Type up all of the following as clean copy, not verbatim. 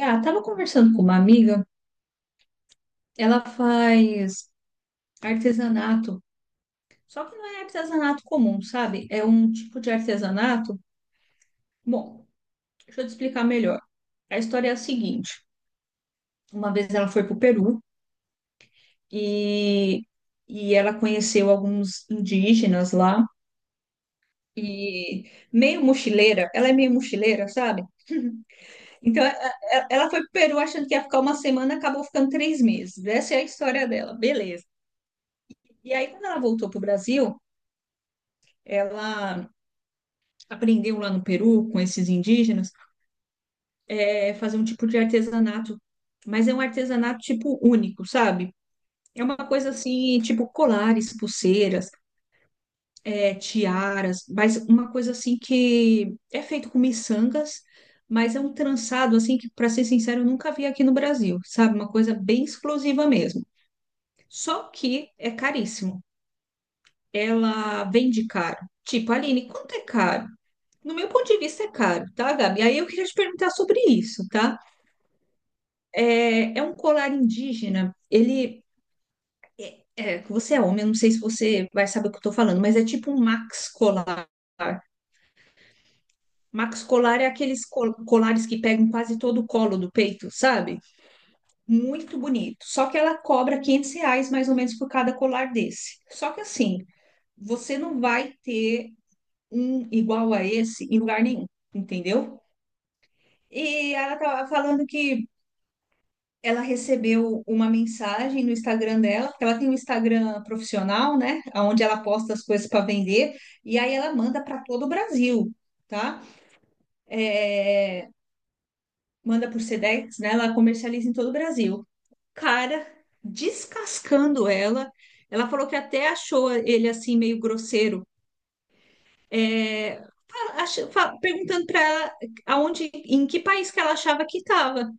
Ah, tava conversando com uma amiga, ela faz artesanato, só que não é artesanato comum, sabe? É um tipo de artesanato. Bom, deixa eu te explicar melhor. A história é a seguinte: uma vez ela foi para o Peru e, e ela conheceu alguns indígenas lá. E meio mochileira, ela é meio mochileira, sabe? Então ela foi pro Peru achando que ia ficar uma semana, acabou ficando 3 meses. Essa é a história dela, beleza. E aí, quando ela voltou pro Brasil, ela aprendeu lá no Peru com esses indígenas é fazer um tipo de artesanato, mas é um artesanato tipo único, sabe? É uma coisa assim, tipo colares, pulseiras, é, tiaras, mas uma coisa assim que é feito com miçangas, mas é um trançado assim que, para ser sincero, eu nunca vi aqui no Brasil, sabe? Uma coisa bem exclusiva mesmo. Só que é caríssimo. Ela vende caro. Tipo, Aline, quanto é caro? No meu ponto de vista, é caro, tá, Gabi? Aí eu queria te perguntar sobre isso, tá? É, é um colar indígena, ele. É, você é homem, eu não sei se você vai saber o que eu tô falando, mas é tipo um max colar. Max colar é aqueles colares que pegam quase todo o colo do peito, sabe? Muito bonito. Só que ela cobra R$ 500 mais ou menos por cada colar desse. Só que assim, você não vai ter um igual a esse em lugar nenhum, entendeu? E ela tava falando que ela recebeu uma mensagem no Instagram dela, porque ela tem um Instagram profissional, né, onde ela posta as coisas para vender, e aí ela manda para todo o Brasil, tá? É, manda por Sedex, né? Ela comercializa em todo o Brasil. Cara, descascando ela, ela falou que até achou ele assim meio grosseiro. É, perguntando para ela aonde, em que país que ela achava que estava,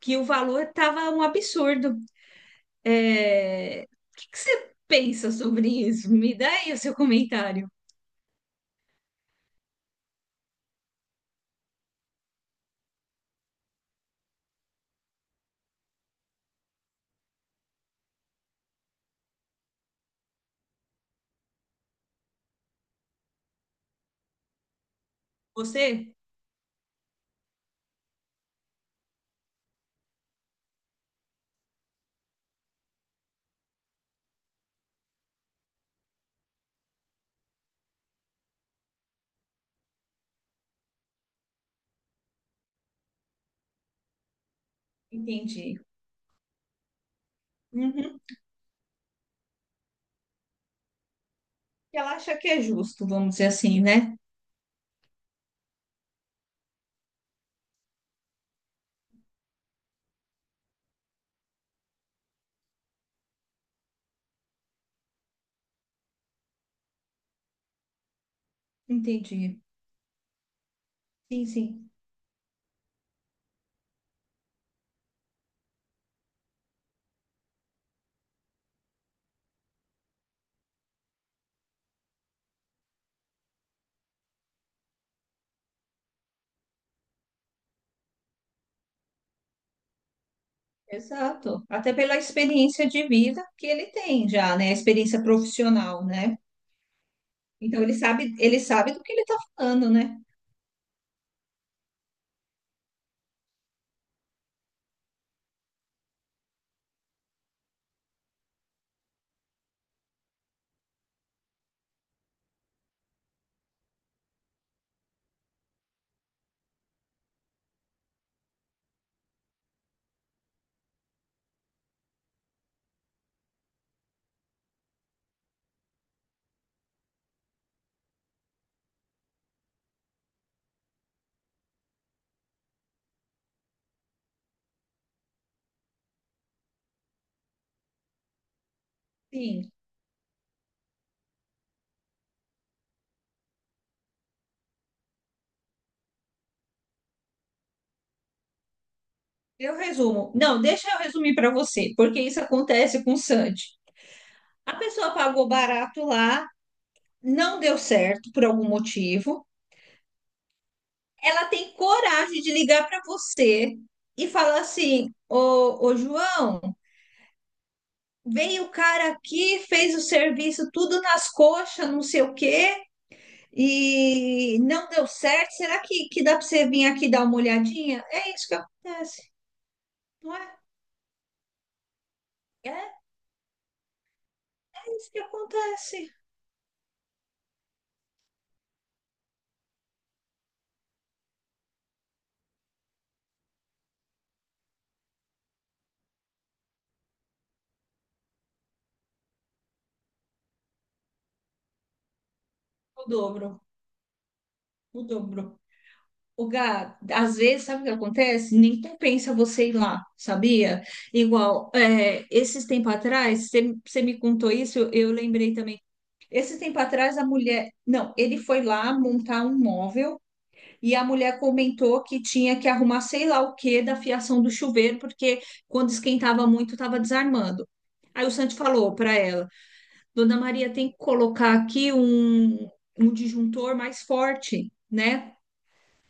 que o valor estava um absurdo. É, o que que você pensa sobre isso? Me dá aí o seu comentário. Você? Entendi. Uhum. Ela acha que é justo, vamos dizer assim, né? Entendi. Sim, sim. Exato. Até pela experiência de vida que ele tem já, né? A experiência profissional, né? Então ele sabe do que ele está falando, né? Sim. Eu resumo. Não, deixa eu resumir para você, porque isso acontece com o Sandy. A pessoa pagou barato lá, não deu certo por algum motivo. Ela tem coragem de ligar para você e falar assim: Ô, ô João, veio o cara aqui, fez o serviço tudo nas coxas, não sei o quê, e não deu certo. Será que dá para você vir aqui dar uma olhadinha? É isso que acontece, não é? É isso que acontece. O dobro, o dobro. O Gá, às vezes, sabe o que acontece? Nem compensa você ir lá, sabia? Igual, é, esses tempos atrás, você me contou isso, eu lembrei também. Esse tempo atrás, a mulher. Não, ele foi lá montar um móvel e a mulher comentou que tinha que arrumar sei lá o que da fiação do chuveiro, porque quando esquentava muito, estava desarmando. Aí o Santi falou para ela: Dona Maria, tem que colocar aqui um disjuntor mais forte, né?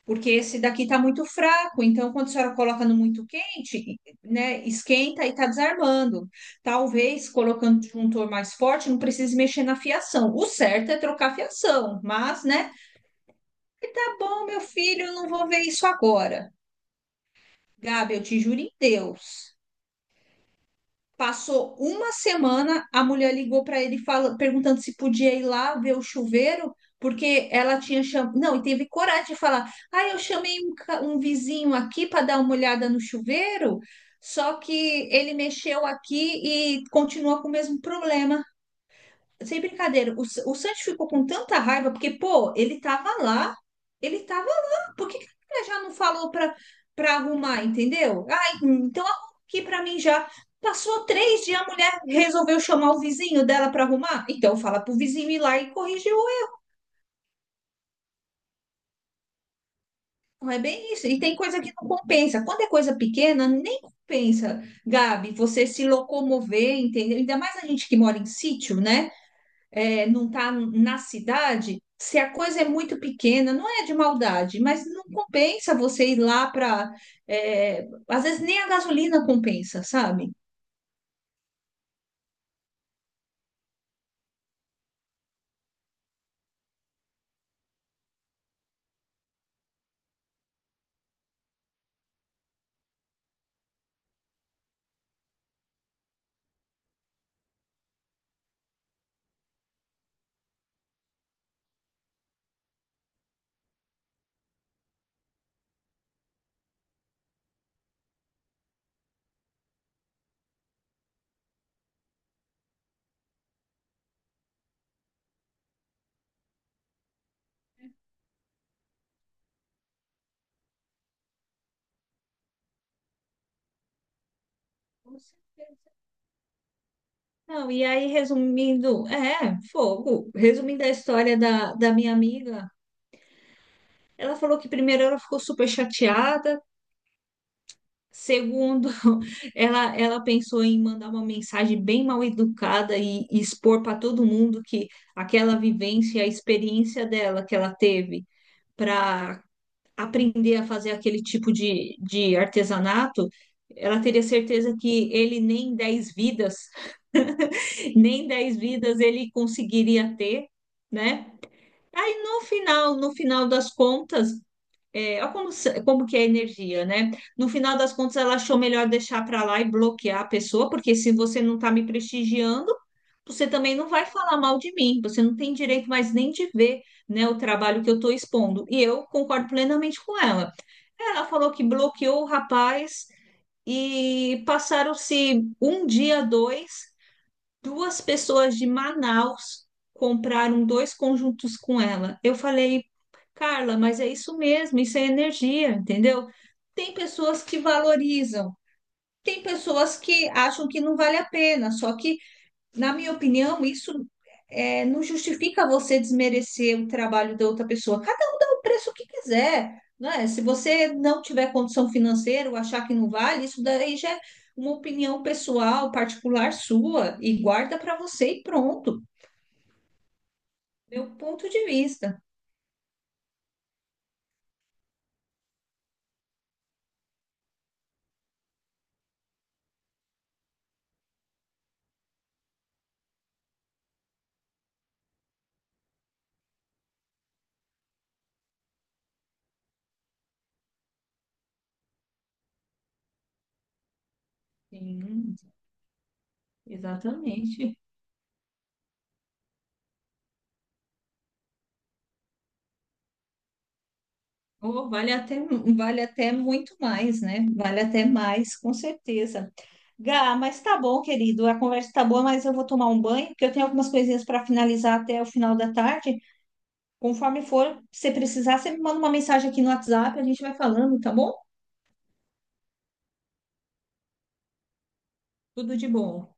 Porque esse daqui está muito fraco, então quando a senhora coloca no muito quente, né, esquenta e está desarmando. Talvez colocando um disjuntor mais forte, não precise mexer na fiação. O certo é trocar a fiação, mas, né, tá bom, meu filho, eu não vou ver isso agora. Gabi, eu te juro em Deus. Passou uma semana, a mulher ligou para ele fala, perguntando se podia ir lá ver o chuveiro, porque ela tinha chamado. Não, e teve coragem de falar: ah, eu chamei um vizinho aqui para dar uma olhada no chuveiro, só que ele mexeu aqui e continua com o mesmo problema. Sem brincadeira, o Sancho ficou com tanta raiva, porque, pô, ele tava lá, ele tava lá. Por que que ele já não falou pra arrumar, entendeu? Ah, então arruma aqui pra mim já. Passou 3 dias, a mulher resolveu chamar o vizinho dela pra arrumar. Então fala pro vizinho ir lá e corrigir o. Não é bem isso. E tem coisa que não compensa. Quando é coisa pequena, nem compensa, Gabi, você se locomover, entendeu? Ainda mais a gente que mora em sítio, né? É, não está na cidade, se a coisa é muito pequena, não é de maldade, mas não compensa você ir lá para. Às vezes nem a gasolina compensa, sabe? Não, e aí, resumindo, é, fogo. Resumindo a história da minha amiga, ela falou que primeiro ela ficou super chateada, segundo, ela pensou em mandar uma mensagem bem mal educada e expor para todo mundo que aquela vivência, a experiência dela que ela teve para aprender a fazer aquele tipo de artesanato, ela teria certeza que ele nem 10 vidas, nem 10 vidas ele conseguiria ter, né? Aí no final, no final das contas, é, olha como, como que é a energia, né? No final das contas, ela achou melhor deixar para lá e bloquear a pessoa, porque se você não está me prestigiando, você também não vai falar mal de mim. Você não tem direito mais nem de ver, né, o trabalho que eu estou expondo. E eu concordo plenamente com ela. Ela falou que bloqueou o rapaz e passaram-se um dia, dois. Duas pessoas de Manaus compraram dois conjuntos com ela. Eu falei, Carla, mas é isso mesmo, isso é energia, entendeu? Tem pessoas que valorizam, tem pessoas que acham que não vale a pena, só que na minha opinião, isso é, não justifica você desmerecer o trabalho da outra pessoa. Cada um dá o preço que quiser, né? Se você não tiver condição financeira ou achar que não vale, isso daí já é uma opinião pessoal, particular sua, e guarda para você e pronto. Meu ponto de vista. Sim, exatamente. Oh, vale até muito mais, né? Vale até mais, com certeza. Gá, mas tá bom, querido. A conversa tá boa, mas eu vou tomar um banho, porque eu tenho algumas coisinhas para finalizar até o final da tarde. Conforme for, se precisar, você me manda uma mensagem aqui no WhatsApp, a gente vai falando, tá bom? Tudo de bom.